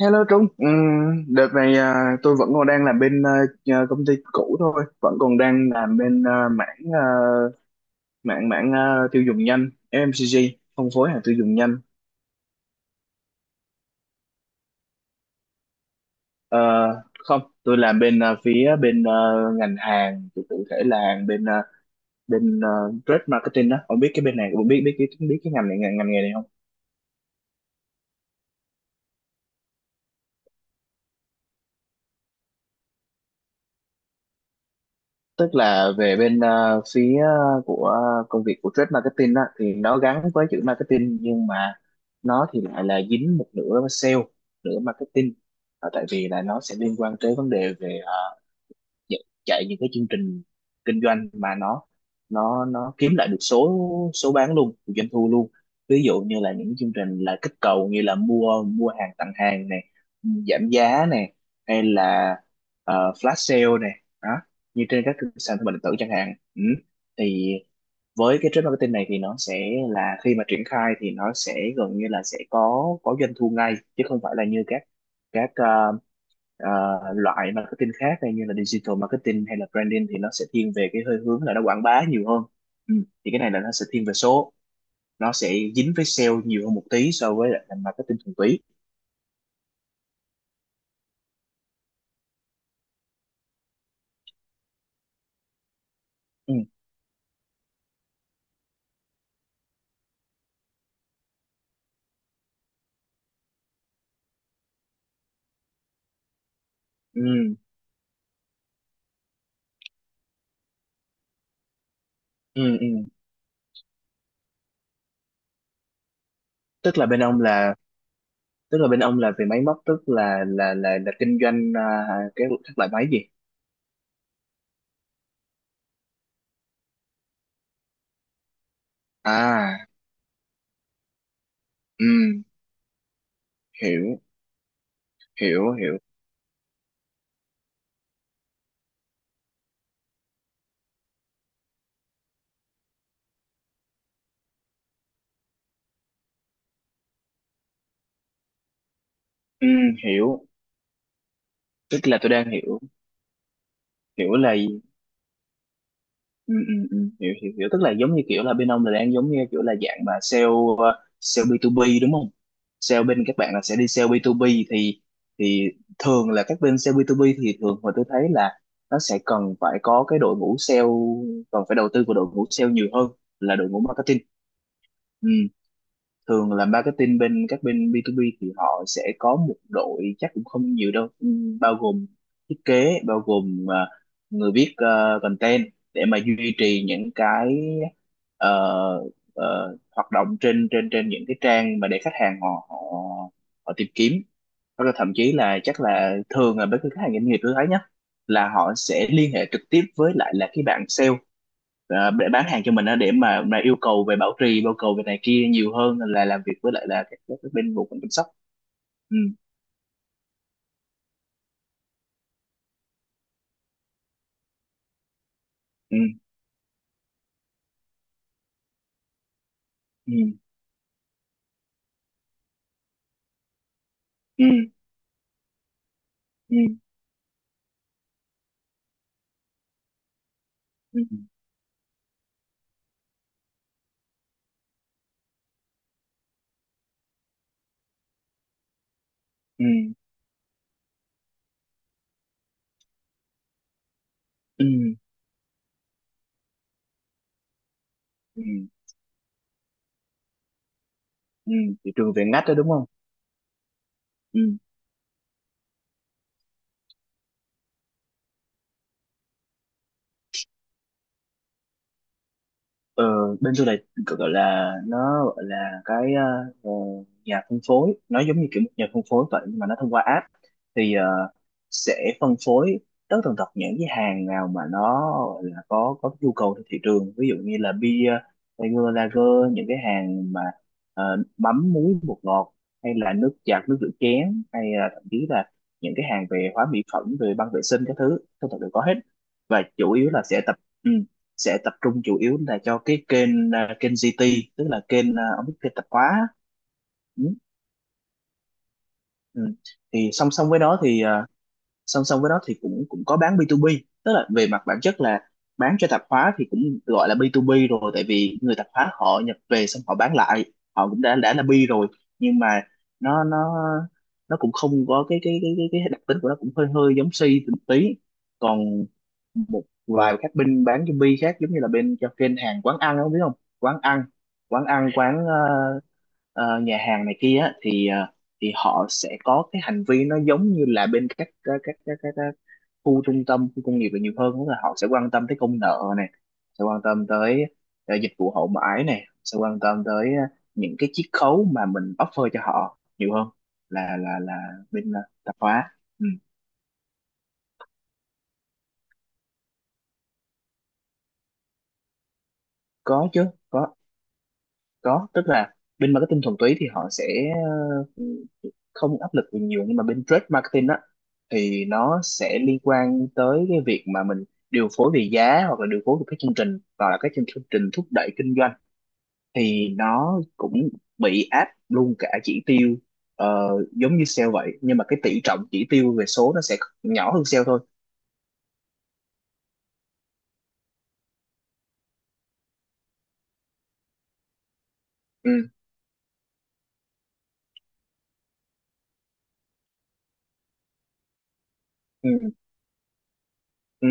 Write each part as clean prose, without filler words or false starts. Hello Trung, đợt này à, tôi vẫn còn đang làm bên công ty cũ thôi, vẫn còn đang làm bên mảng à, mảng mảng à, tiêu dùng nhanh FMCG, phân phối hàng tiêu dùng nhanh. Ờ, không, tôi làm bên phía bên ngành hàng, cụ cụ thể là hàng bên bên à, trade marketing đó. Ông biết cái bên này, ông biết biết cái ngành này ngành nghề này không? Tức là về bên phía của công việc của trade marketing đó thì nó gắn với chữ marketing, nhưng mà nó thì lại là dính một nửa sale nửa marketing. Ờ, tại vì là nó sẽ liên quan tới vấn đề về chạy chạy những cái chương trình kinh doanh mà nó nó kiếm lại được số số bán luôn, được doanh thu luôn, ví dụ như là những chương trình là kích cầu như là mua mua hàng tặng hàng này, giảm giá này hay là flash sale này đó, như trên các sàn thương mại điện tử chẳng hạn. Ừ, thì với cái trade marketing này thì nó sẽ là khi mà triển khai thì nó sẽ gần như là sẽ có doanh thu ngay chứ không phải là như các các ờ, Ờ, loại marketing khác hay như là digital marketing hay là branding thì nó sẽ thiên về cái hơi hướng là nó quảng bá nhiều hơn. Ừ, thì cái này là nó sẽ thiên về số, nó sẽ dính với sale nhiều hơn một tí so với lại là marketing thuần túy. Ừ. Ừ. Ừ. Ừ. Tức là bên ông là, tức là bên ông là về máy móc, tức là là kinh doanh cái các loại máy gì. À, ừ, hiểu hiểu hiểu. Ừ, hiểu, tức là tôi đang hiểu, hiểu là ừ, ừ, ừ, hiểu hiểu hiểu. Tức là giống như kiểu là bên ông là đang giống như kiểu là dạng mà sale, sale B2B đúng không? Sale bên các bạn là sẽ đi sale B2B thì thường là các bên sale B2B thì thường mà tôi thấy là nó sẽ cần phải có cái đội ngũ sale, cần phải đầu tư vào đội ngũ sale nhiều hơn là đội ngũ marketing. Ừ, thường là marketing bên các bên B2B thì họ sẽ có một đội chắc cũng không nhiều đâu, bao gồm thiết kế, bao gồm người viết content để mà duy trì những cái ờ, hoạt động trên trên trên những cái trang mà để khách hàng họ họ họ tìm kiếm. Hoặc là thậm chí là chắc là thường là với cái khách hàng doanh nghiệp tôi thấy nhá, là họ sẽ liên hệ trực tiếp với lại là cái bạn sale để bán hàng cho mình á, để mà yêu cầu về bảo trì, yêu cầu về này kia nhiều hơn là làm việc với lại là các bên bộ phận chăm sóc. Ừ, ừ, ừ, ừ, ừ, ừ, ừ, ừ, ừ, ừ. Thị trường về ngách đó đúng không? Ừ, Ờ, bên tôi là, gọi là nó gọi là cái ờ, nhà phân phối, nó giống như kiểu một nhà phân phối vậy, nhưng mà nó thông qua app. Thì ờ, sẽ phân phối tới tần tật những cái hàng nào mà nó gọi là có nhu cầu trên thị trường, ví dụ như là bia lager lager những cái hàng mà ờ, mắm muối bột ngọt, hay là nước giặt nước rửa chén, hay là thậm chí là những cái hàng về hóa mỹ phẩm, về băng vệ sinh các thứ, tất cả đều có hết. Và chủ yếu là sẽ tập, ừ, sẽ tập trung chủ yếu là cho cái kênh kênh GT, tức là kênh, ông biết, kênh tạp hóa. Ừ. Ừ. Thì song song với đó thì song song với đó thì cũng cũng có bán B2B. Tức là về mặt bản chất là bán cho tạp hóa thì cũng gọi là B2B rồi, tại vì người tạp hóa họ nhập về xong họ bán lại, họ cũng đã là B rồi. Nhưng mà nó nó cũng không có cái cái đặc tính của nó cũng hơi hơi giống C một tí. Còn một vài các bên bán zombie khác giống như là bên cho kênh hàng quán ăn, không biết không? Quán ăn, quán nhà hàng này kia á, thì ờ, thì họ sẽ có cái hành vi nó giống như là bên các khu trung tâm, khu công nghiệp là nhiều hơn, tức là họ sẽ quan tâm tới công nợ này, sẽ quan tâm tới dịch vụ hậu mãi này, sẽ quan tâm tới những cái chiết khấu mà mình offer cho họ nhiều hơn là bên tạp hóa. Ừ. Có chứ, có có. Tức là bên marketing thuần túy thì họ sẽ ờ, không áp lực về nhiều, nhưng mà bên trade marketing á thì nó sẽ liên quan tới cái việc mà mình điều phối về giá hoặc là điều phối về các chương trình hoặc là các chương chương trình thúc đẩy kinh doanh, thì nó cũng bị áp luôn cả chỉ tiêu, ờ, giống như sale vậy, nhưng mà cái tỷ trọng chỉ tiêu về số nó sẽ nhỏ hơn sale thôi. Ừ, ừ, ừ,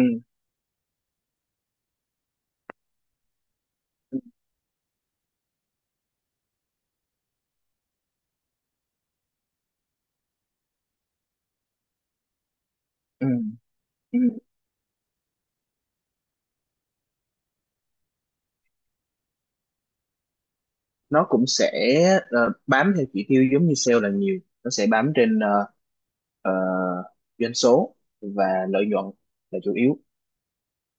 ừ, ừ. Nó cũng sẽ bám theo chỉ tiêu giống như sale là nhiều, nó sẽ bám trên ờ, doanh số và lợi nhuận là chủ yếu.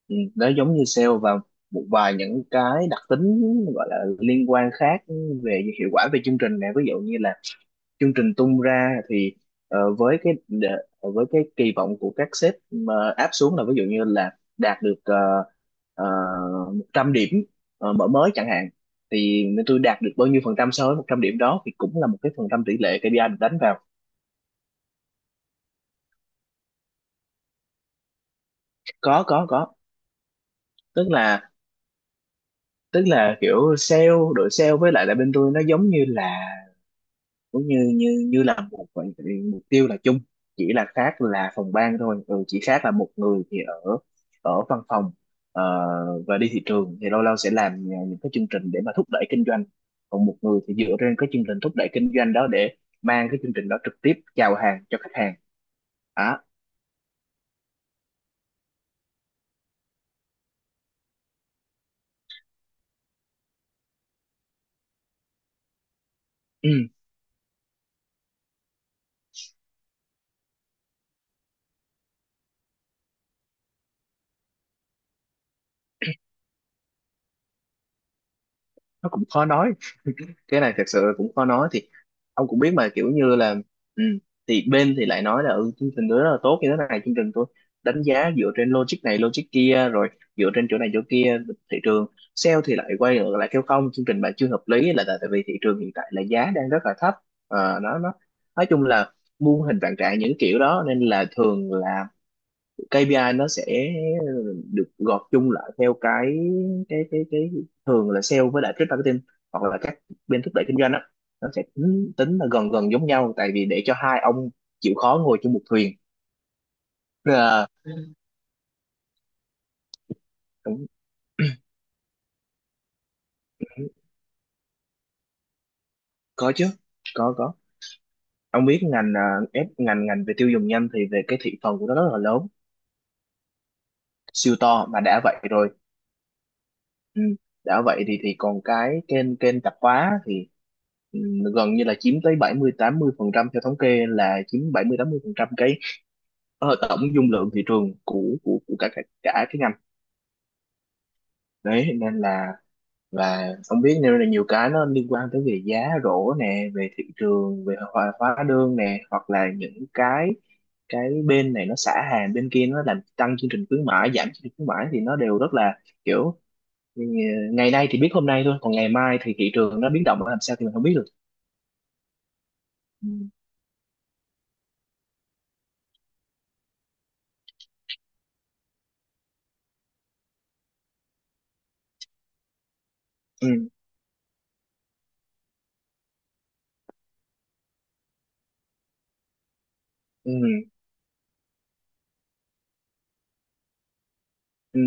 Ừ, nó giống như sale và một vài những cái đặc tính gọi là liên quan khác, về hiệu quả về chương trình này, ví dụ như là chương trình tung ra thì với cái kỳ vọng của các sếp mà áp xuống là ví dụ như là đạt được ờ, 100 điểm mở mới chẳng hạn, thì tôi đạt được bao nhiêu phần trăm so với 100 điểm đó, thì cũng là một cái phần trăm tỷ lệ KPI được đánh vào. Có có có. Tức là, tức là kiểu sale, đội sale với lại là bên tôi nó giống như là cũng như như như là một mục tiêu là chung, chỉ là khác là phòng ban thôi. Ừ, chỉ khác là một người thì ở ở văn phòng ờ, và đi thị trường thì lâu lâu sẽ làm những cái chương trình để mà thúc đẩy kinh doanh, còn một người thì dựa trên cái chương trình thúc đẩy kinh doanh đó để mang cái chương trình đó trực tiếp chào hàng cho khách hàng. À, nó cũng khó nói, cái này thật sự là cũng khó nói. Thì ông cũng biết mà, kiểu như là ừ, thì bên thì lại nói là ừ, chương trình tôi rất là tốt như thế này, chương trình tôi đánh giá dựa trên logic này logic kia rồi, dựa trên chỗ này chỗ kia, thị trường. Sale thì lại quay ngược lại kêu không, chương trình bạn chưa hợp lý là tại tại vì thị trường hiện tại là giá đang rất là thấp. Ờ, nó nói chung là muôn hình vạn trạng những kiểu đó, nên là thường là KPI nó sẽ được gộp chung lại theo cái thường là sale với lại trade marketing hoặc là các bên thúc đẩy kinh doanh á, nó sẽ tính là gần gần giống nhau, tại vì để cho hai ông chịu khó ngồi chung một thuyền. Ờ, cũng-. Có chứ, có có. Ông biết ngành à, ép ngành ngành về tiêu dùng nhanh thì về cái thị phần của nó rất là lớn, siêu to. Mà đã vậy rồi. Ừ. Đã vậy thì còn cái kênh kênh tạp hóa thì ừ, gần như là chiếm tới 70-80%. Theo thống kê là chiếm 70-80% cái tổng dung lượng thị trường của cả cả, cả cái ngành đấy, nên là. Và không biết, nên là nhiều cái nó liên quan tới về giá rổ nè, về thị trường, về hóa hóa đơn nè, hoặc là những cái bên này nó xả hàng, bên kia nó làm tăng chương trình khuyến mãi, giảm chương trình khuyến mãi, thì nó đều rất là kiểu. Ừ, ngày nay thì biết hôm nay thôi, còn ngày mai thì thị trường nó biến động nó làm sao thì mình không biết được. Ừ. Ừ, ừ, ừ,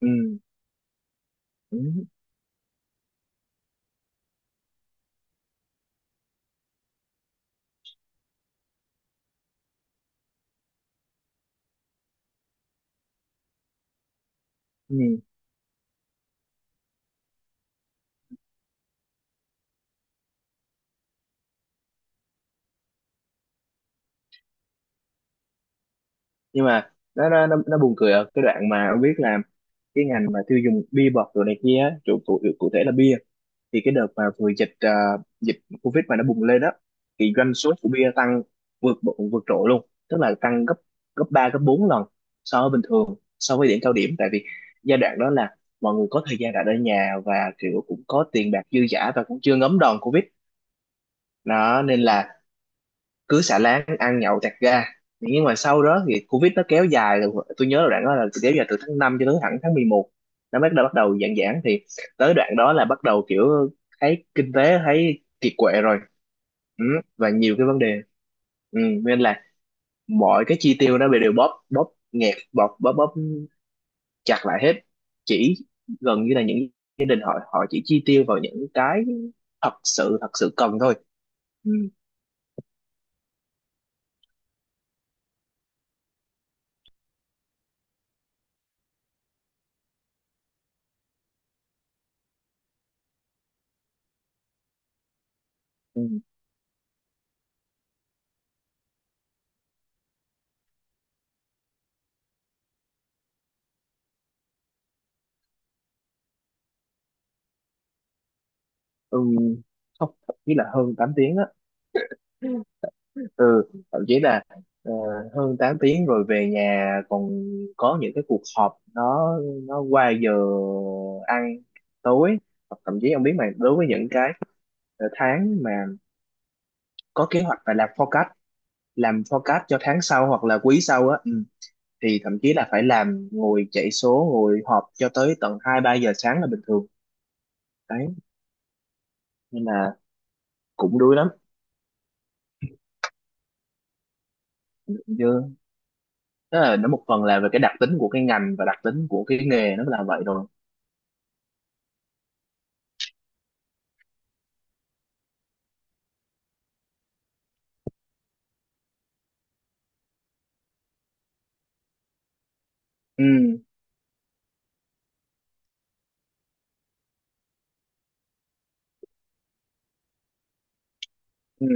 ừ, ừ, ừ. Nhưng mà nó buồn cười ở cái đoạn mà ông biết là cái ngành mà tiêu dùng bia bọt rồi này kia á, chủ cụ cụ thể là bia, thì cái đợt mà vừa dịch dịch Covid mà nó bùng lên đó, thì doanh số của bia tăng vượt vượt trội luôn, tức là tăng gấp gấp 3 gấp 4 lần so với bình thường, so với cao điểm. Tại vì giai đoạn đó là mọi người có thời gian đặt ở nhà và kiểu cũng có tiền bạc dư dả và cũng chưa ngấm đòn Covid đó, nên là cứ xà láng ăn nhậu chặt ga. Nhưng mà sau đó thì covid nó kéo dài rồi, tôi nhớ là đoạn đó là kéo dài từ tháng 5 cho tới thẳng tháng 11. Nó bắt đầu giãn giãn thì tới đoạn đó là bắt đầu kiểu thấy kinh tế thấy kiệt quệ rồi. Ừ, và nhiều cái vấn đề. Ừ, nên là mọi cái chi tiêu nó bị đều bóp bóp nghẹt bóp bóp bóp chặt lại hết. Chỉ gần như là những gia đình họ họ chỉ chi tiêu vào những cái thật sự cần thôi. Ừ, ừ, ừ, không, thậm là hơn 8 tiếng á. Ừ, thậm chí là ờ, hơn 8 tiếng rồi về nhà còn có những cái cuộc họp nó qua giờ ăn tối. Hoặc thậm chí ông biết mà, đối với những cái tháng mà có kế hoạch và làm forecast, làm forecast cho tháng sau hoặc là quý sau á. Ừ, thì thậm chí là phải làm ngồi chạy số ngồi họp cho tới tận 2-3 giờ sáng là bình thường đấy, nên là cũng đuối lắm chứ. Tức là nó một phần là về cái đặc tính của cái ngành và đặc tính của cái nghề nó là vậy rồi. Ừ. Ừ.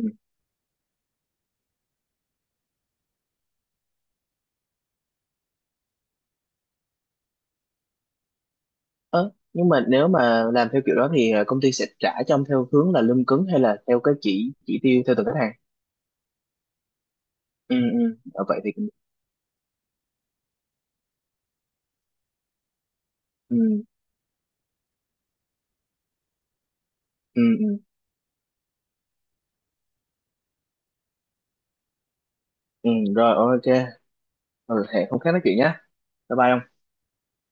Ờ, nhưng mà nếu mà làm theo kiểu đó thì ờ, công ty sẽ trả cho ông theo hướng là lương cứng hay là theo cái chỉ tiêu theo từng khách hàng? Ừ, ừ. Ờ, vậy thì ừ, ừ, ừ, ừ. Rồi, ok. Ừ, hẹn hôm khác nói chuyện nhé. Bye bye. Ông.